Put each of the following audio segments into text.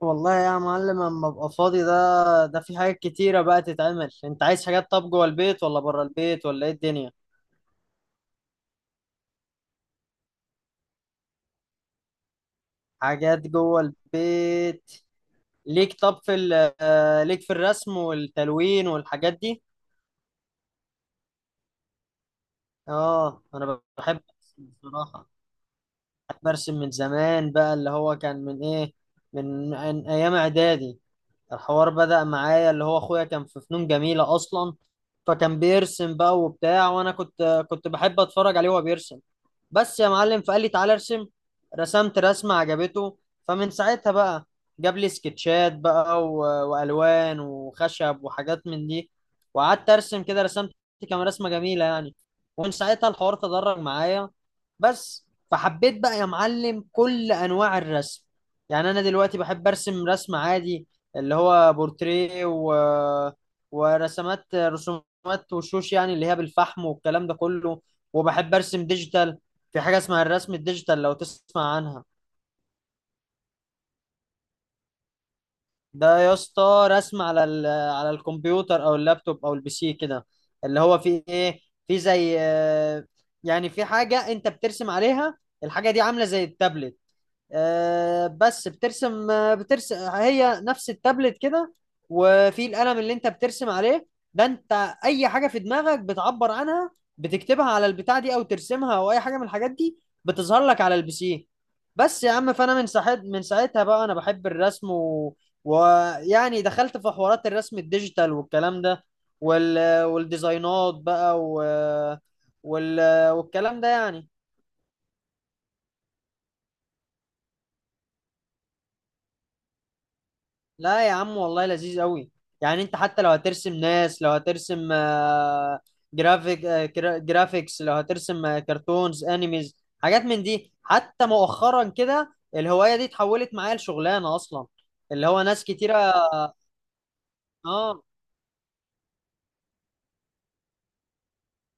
والله يا معلم اما ابقى فاضي ده في حاجات كتيرة بقى تتعمل. انت عايز حاجات طب جوه البيت ولا بره البيت ولا ايه الدنيا؟ حاجات جوه البيت. ليك طب في ال- آه، ليك في الرسم والتلوين والحاجات دي. اه انا بحب أرسم بصراحة. بحب ارسم من زمان بقى اللي هو كان من ايه، من ايام اعدادي. الحوار بدأ معايا اللي هو اخويا كان في فنون جميلة اصلا، فكان بيرسم بقى وبتاع، وانا كنت بحب اتفرج عليه وهو بيرسم. بس يا معلم فقال لي تعالى ارسم. رسمت رسمة عجبته، فمن ساعتها بقى جاب لي سكتشات بقى و... والوان وخشب وحاجات من دي. وقعدت ارسم كده، رسمت كام رسمة جميلة يعني. ومن ساعتها الحوار تدرج معايا. بس فحبيت بقى يا معلم كل انواع الرسم. يعني انا دلوقتي بحب ارسم رسم عادي، اللي هو بورتريه و... ورسمات رسومات وشوش يعني اللي هي بالفحم والكلام ده كله. وبحب ارسم ديجيتال. في حاجة اسمها الرسم الديجيتال لو تسمع عنها. ده يا اسطى رسم على ال... على الكمبيوتر او اللابتوب او البي سي كده، اللي هو في ايه، في زي يعني في حاجة انت بترسم عليها. الحاجة دي عاملة زي التابلت، بس بترسم، بترسم هي نفس التابلت كده. وفي القلم اللي انت بترسم عليه. ده انت اي حاجه في دماغك بتعبر عنها، بتكتبها على البتاع دي او ترسمها او اي حاجه من الحاجات دي، بتظهر لك على البي سي. بس يا عم فانا من ساعتها بقى انا بحب الرسم و... ويعني دخلت في حوارات الرسم الديجيتال والكلام ده، وال... والديزاينات بقى و... وال... والكلام ده يعني. لا يا عم والله لذيذ قوي. يعني انت حتى لو هترسم ناس، لو هترسم جرافيك، جرافيكس، لو هترسم كرتونز انيميز حاجات من دي. حتى مؤخرا كده الهواية دي اتحولت معايا لشغلانة اصلا. اللي هو ناس كتيرة. اه،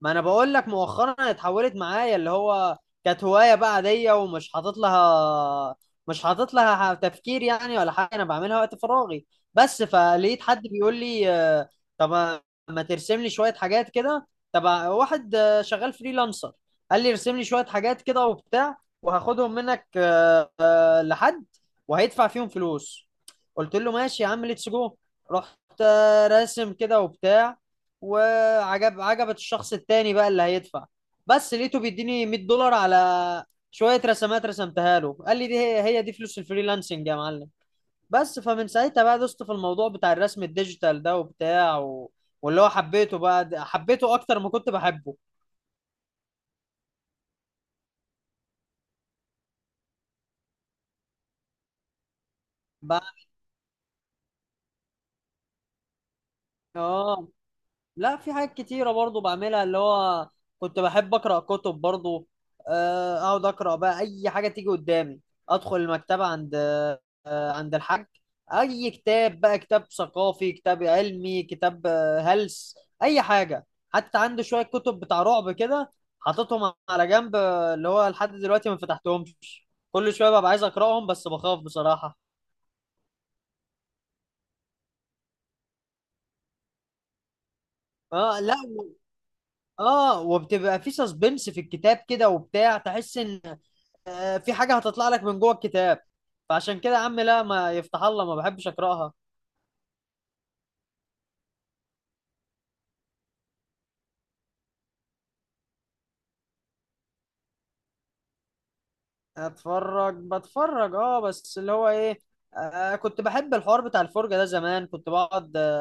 ما انا بقول لك مؤخرا اتحولت معايا اللي هو، كانت هوايه بقى عاديه ومش حاطط لها، مش حاطط لها تفكير يعني ولا حاجه، انا بعملها وقت فراغي. بس فلقيت حد بيقول لي طب ما ترسم لي شويه حاجات كده. تبع واحد شغال فريلانسر. قال لي ارسم لي شويه حاجات كده وبتاع وهاخدهم منك لحد، وهيدفع فيهم فلوس. قلت له ماشي يا عم، ليتس جو. رحت راسم كده وبتاع، وعجب عجبت الشخص التاني بقى اللي هيدفع. بس لقيته بيديني 100 دولار على شوية رسمات رسمتها له، قال لي دي هي دي فلوس الفريلانسنج يا معلم. بس فمن ساعتها بقى دوست في الموضوع بتاع الرسم الديجيتال ده وبتاع و... واللي هو حبيته بقى، حبيته اكتر ما كنت بحبه. بقى. اه لا، في حاجات كتيرة برضو بعملها اللي هو، كنت بحب أقرأ كتب برضو. أقعد أقرأ بقى أي حاجة تيجي قدامي. أدخل المكتبة عند عند الحاج، أي كتاب بقى، كتاب ثقافي، كتاب علمي، كتاب هلس، أي حاجة. حتى عنده شوية كتب بتاع رعب كده حاططهم على جنب، اللي هو لحد دلوقتي ما فتحتهمش. كل شوية ببقى عايز أقرأهم بس بخاف بصراحة. اه لا، اه، وبتبقى في سسبنس في الكتاب كده وبتاع، تحس ان في حاجة هتطلع لك من جوه الكتاب. فعشان كده يا عم لا، ما يفتح الله، ما بحبش أقرأها. أتفرج، بتفرج أه، بس اللي هو إيه، آه كنت بحب الحوار بتاع الفرجة ده زمان. كنت بقعد،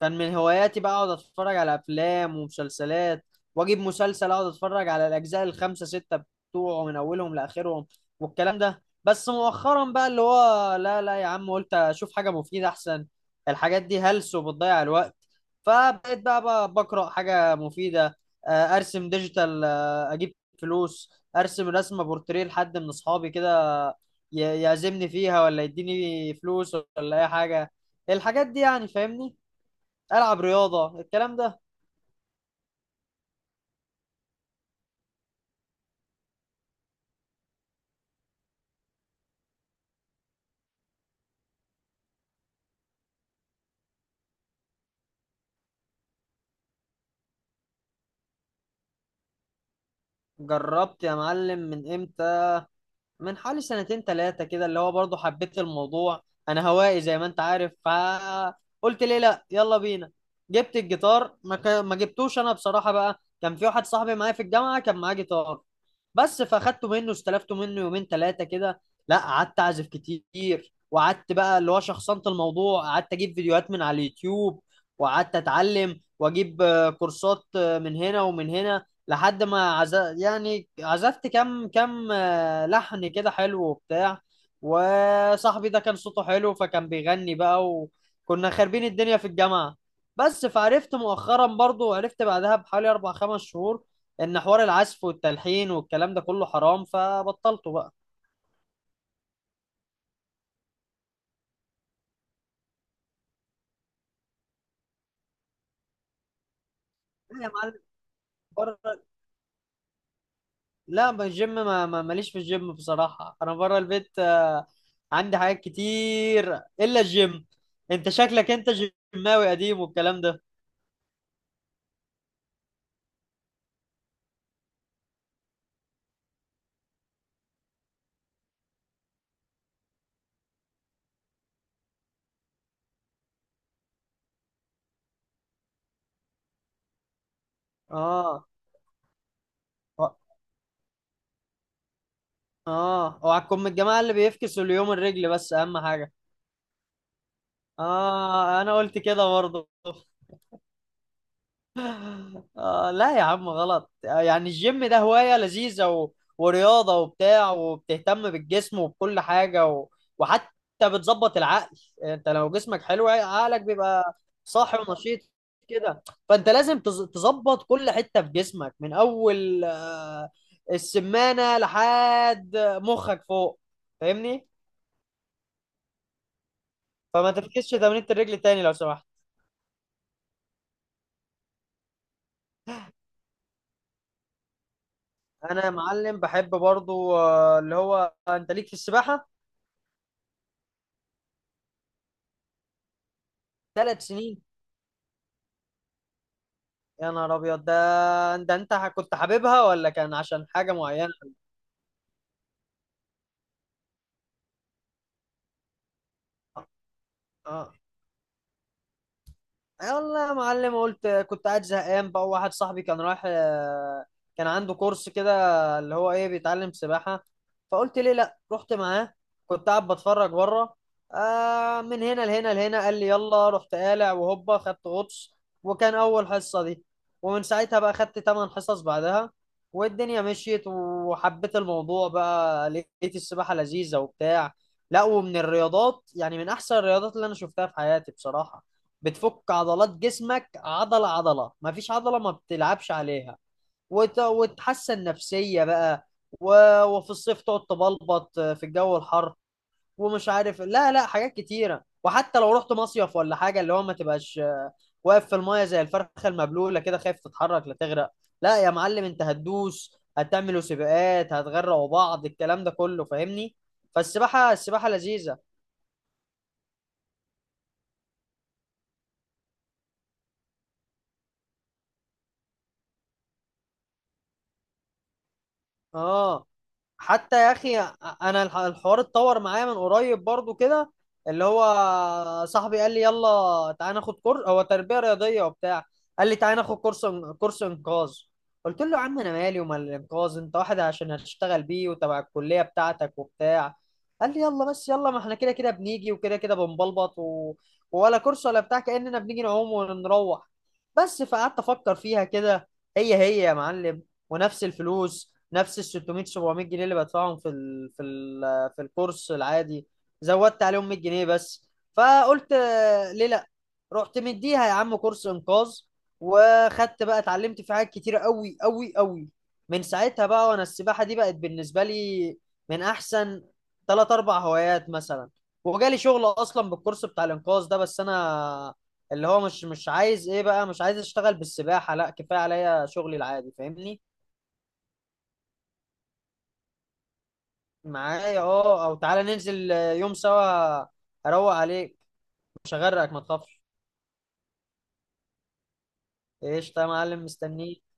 كان من هواياتي بقى اقعد اتفرج على افلام ومسلسلات، واجيب مسلسل اقعد اتفرج على الاجزاء الخمسه سته بتوعه من اولهم لاخرهم والكلام ده. بس مؤخرا بقى اللي هو لا لا يا عم، قلت اشوف حاجه مفيده احسن. الحاجات دي هلس وبتضيع الوقت. فبقيت بقى بقرا حاجه مفيده. ارسم ديجيتال، اجيب فلوس، ارسم رسمه بورتريه لحد من اصحابي كده، يعزمني فيها ولا يديني فلوس ولا اي حاجه. الحاجات دي يعني، فاهمني. العب رياضه، الكلام ده. جربت يا معلم. من امتى؟ من حوالي سنتين ثلاثة كده، اللي هو برضه حبيت الموضوع. أنا هوائي زي ما أنت عارف، فقلت ليه لأ، يلا بينا. جبت الجيتار، ما جبتوش أنا بصراحة بقى. كان في واحد صاحبي معايا في الجامعة كان معاه جيتار. بس فأخدته منه، استلفته منه يومين ثلاثة كده. لأ قعدت أعزف كتير، وقعدت بقى اللي هو شخصنت الموضوع. قعدت أجيب فيديوهات من على اليوتيوب، وقعدت أتعلم وأجيب كورسات من هنا ومن هنا، لحد ما يعني عزفت كام كام لحن كده حلو وبتاع. وصاحبي ده كان صوته حلو فكان بيغني بقى، وكنا خاربين الدنيا في الجامعة. بس فعرفت مؤخرا برضو، وعرفت بعدها بحوالي أربع خمس شهور إن حوار العزف والتلحين والكلام ده كله حرام، فبطلته بقى. لا يا معلم. بره. لا، ما الجيم ماليش في الجيم بصراحة. أنا بره البيت عندي حاجات كتير إلا الجيم. أنت شكلك أنت جيماوي قديم والكلام ده. آه. اه، اوعكم من الجماعه اللي بيفكسوا اليوم الرجل، بس اهم حاجه. اه، انا قلت كده برضه آه لا يا عم غلط. يعني الجيم ده هوايه لذيذه و... ورياضه وبتاع، وبتهتم بالجسم وبكل حاجه و... وحتى بتظبط العقل. انت لو جسمك حلو عقلك بيبقى صاحي ونشيط كده. فانت لازم تظبط كل حته في جسمك، من اول السمانه لحد مخك فوق، فاهمني. فما تفكسش تمرينة الرجل تاني لو سمحت. انا يا معلم بحب برضو اللي هو انت ليك في السباحة. ثلاث سنين! يا نهار ابيض. ده ده انت كنت حاببها ولا كان عشان حاجة معينة؟ آه، آه والله يا معلم، قلت كنت قاعد زهقان بقى، واحد صاحبي كان رايح كان عنده كورس كده اللي هو ايه، بيتعلم سباحة. فقلت ليه لا، رحت معاه. كنت قاعد بتفرج بره، آه من هنا لهنا لهنا، قال لي يلا. رحت قالع وهوبا خدت غطس. وكان اول حصة دي. ومن ساعتها بقى خدت 8 حصص بعدها. والدنيا مشيت وحبيت الموضوع بقى، لقيت السباحة لذيذة وبتاع. لا، ومن الرياضات يعني من احسن الرياضات اللي انا شفتها في حياتي بصراحة. بتفك عضلات جسمك عضلة عضلة، مفيش عضلة ما بتلعبش عليها. وتحسن نفسية بقى و... وفي الصيف تقعد تبلبط في الجو الحر ومش عارف، لا لا حاجات كتيرة. وحتى لو رحت مصيف ولا حاجة اللي هو ما تبقاش واقف في المايه زي الفرخة المبلولة كده خايف تتحرك لا تغرق. لا يا معلم انت هتدوس، هتعملوا سباقات، هتغرقوا بعض، الكلام ده كله فاهمني. فالسباحة السباحة لذيذة. اه. حتى يا اخي انا الحوار اتطور معايا من قريب برضو كده، اللي هو صاحبي قال لي يلا تعالى ناخد كورس، هو تربيه رياضيه وبتاع. قال لي تعالى ناخد كورس، كورس انقاذ. قلت له يا عم انا مالي ومال الانقاذ، انت واحد عشان هتشتغل بيه وتبع الكليه بتاعتك وبتاع. قال لي يلا بس يلا، ما احنا كده كده بنيجي وكده كده بنبلبط و... ولا كورس ولا بتاع، كاننا بنيجي نعوم ونروح. بس فقعدت افكر فيها كده، هي هي يا معلم، ونفس الفلوس، نفس ال 600 700 جنيه اللي بدفعهم في ال في ال في الكورس العادي، زودت عليهم 100 جنيه بس. فقلت ليه لا، رحت مديها يا عم كورس انقاذ. وخدت بقى، اتعلمت في حاجات كتيره قوي قوي قوي. من ساعتها بقى وانا السباحه دي بقت بالنسبه لي من احسن ثلاث اربع هوايات مثلا. وجالي شغل اصلا بالكورس بتاع الانقاذ ده، بس انا اللي هو مش عايز ايه بقى، مش عايز اشتغل بالسباحه، لا كفايه عليا شغلي العادي فاهمني. معايا اه، او تعالى ننزل يوم سوا، اروق عليك. مش هغرقك ما تخافش. ايش يا معلم مستنيك.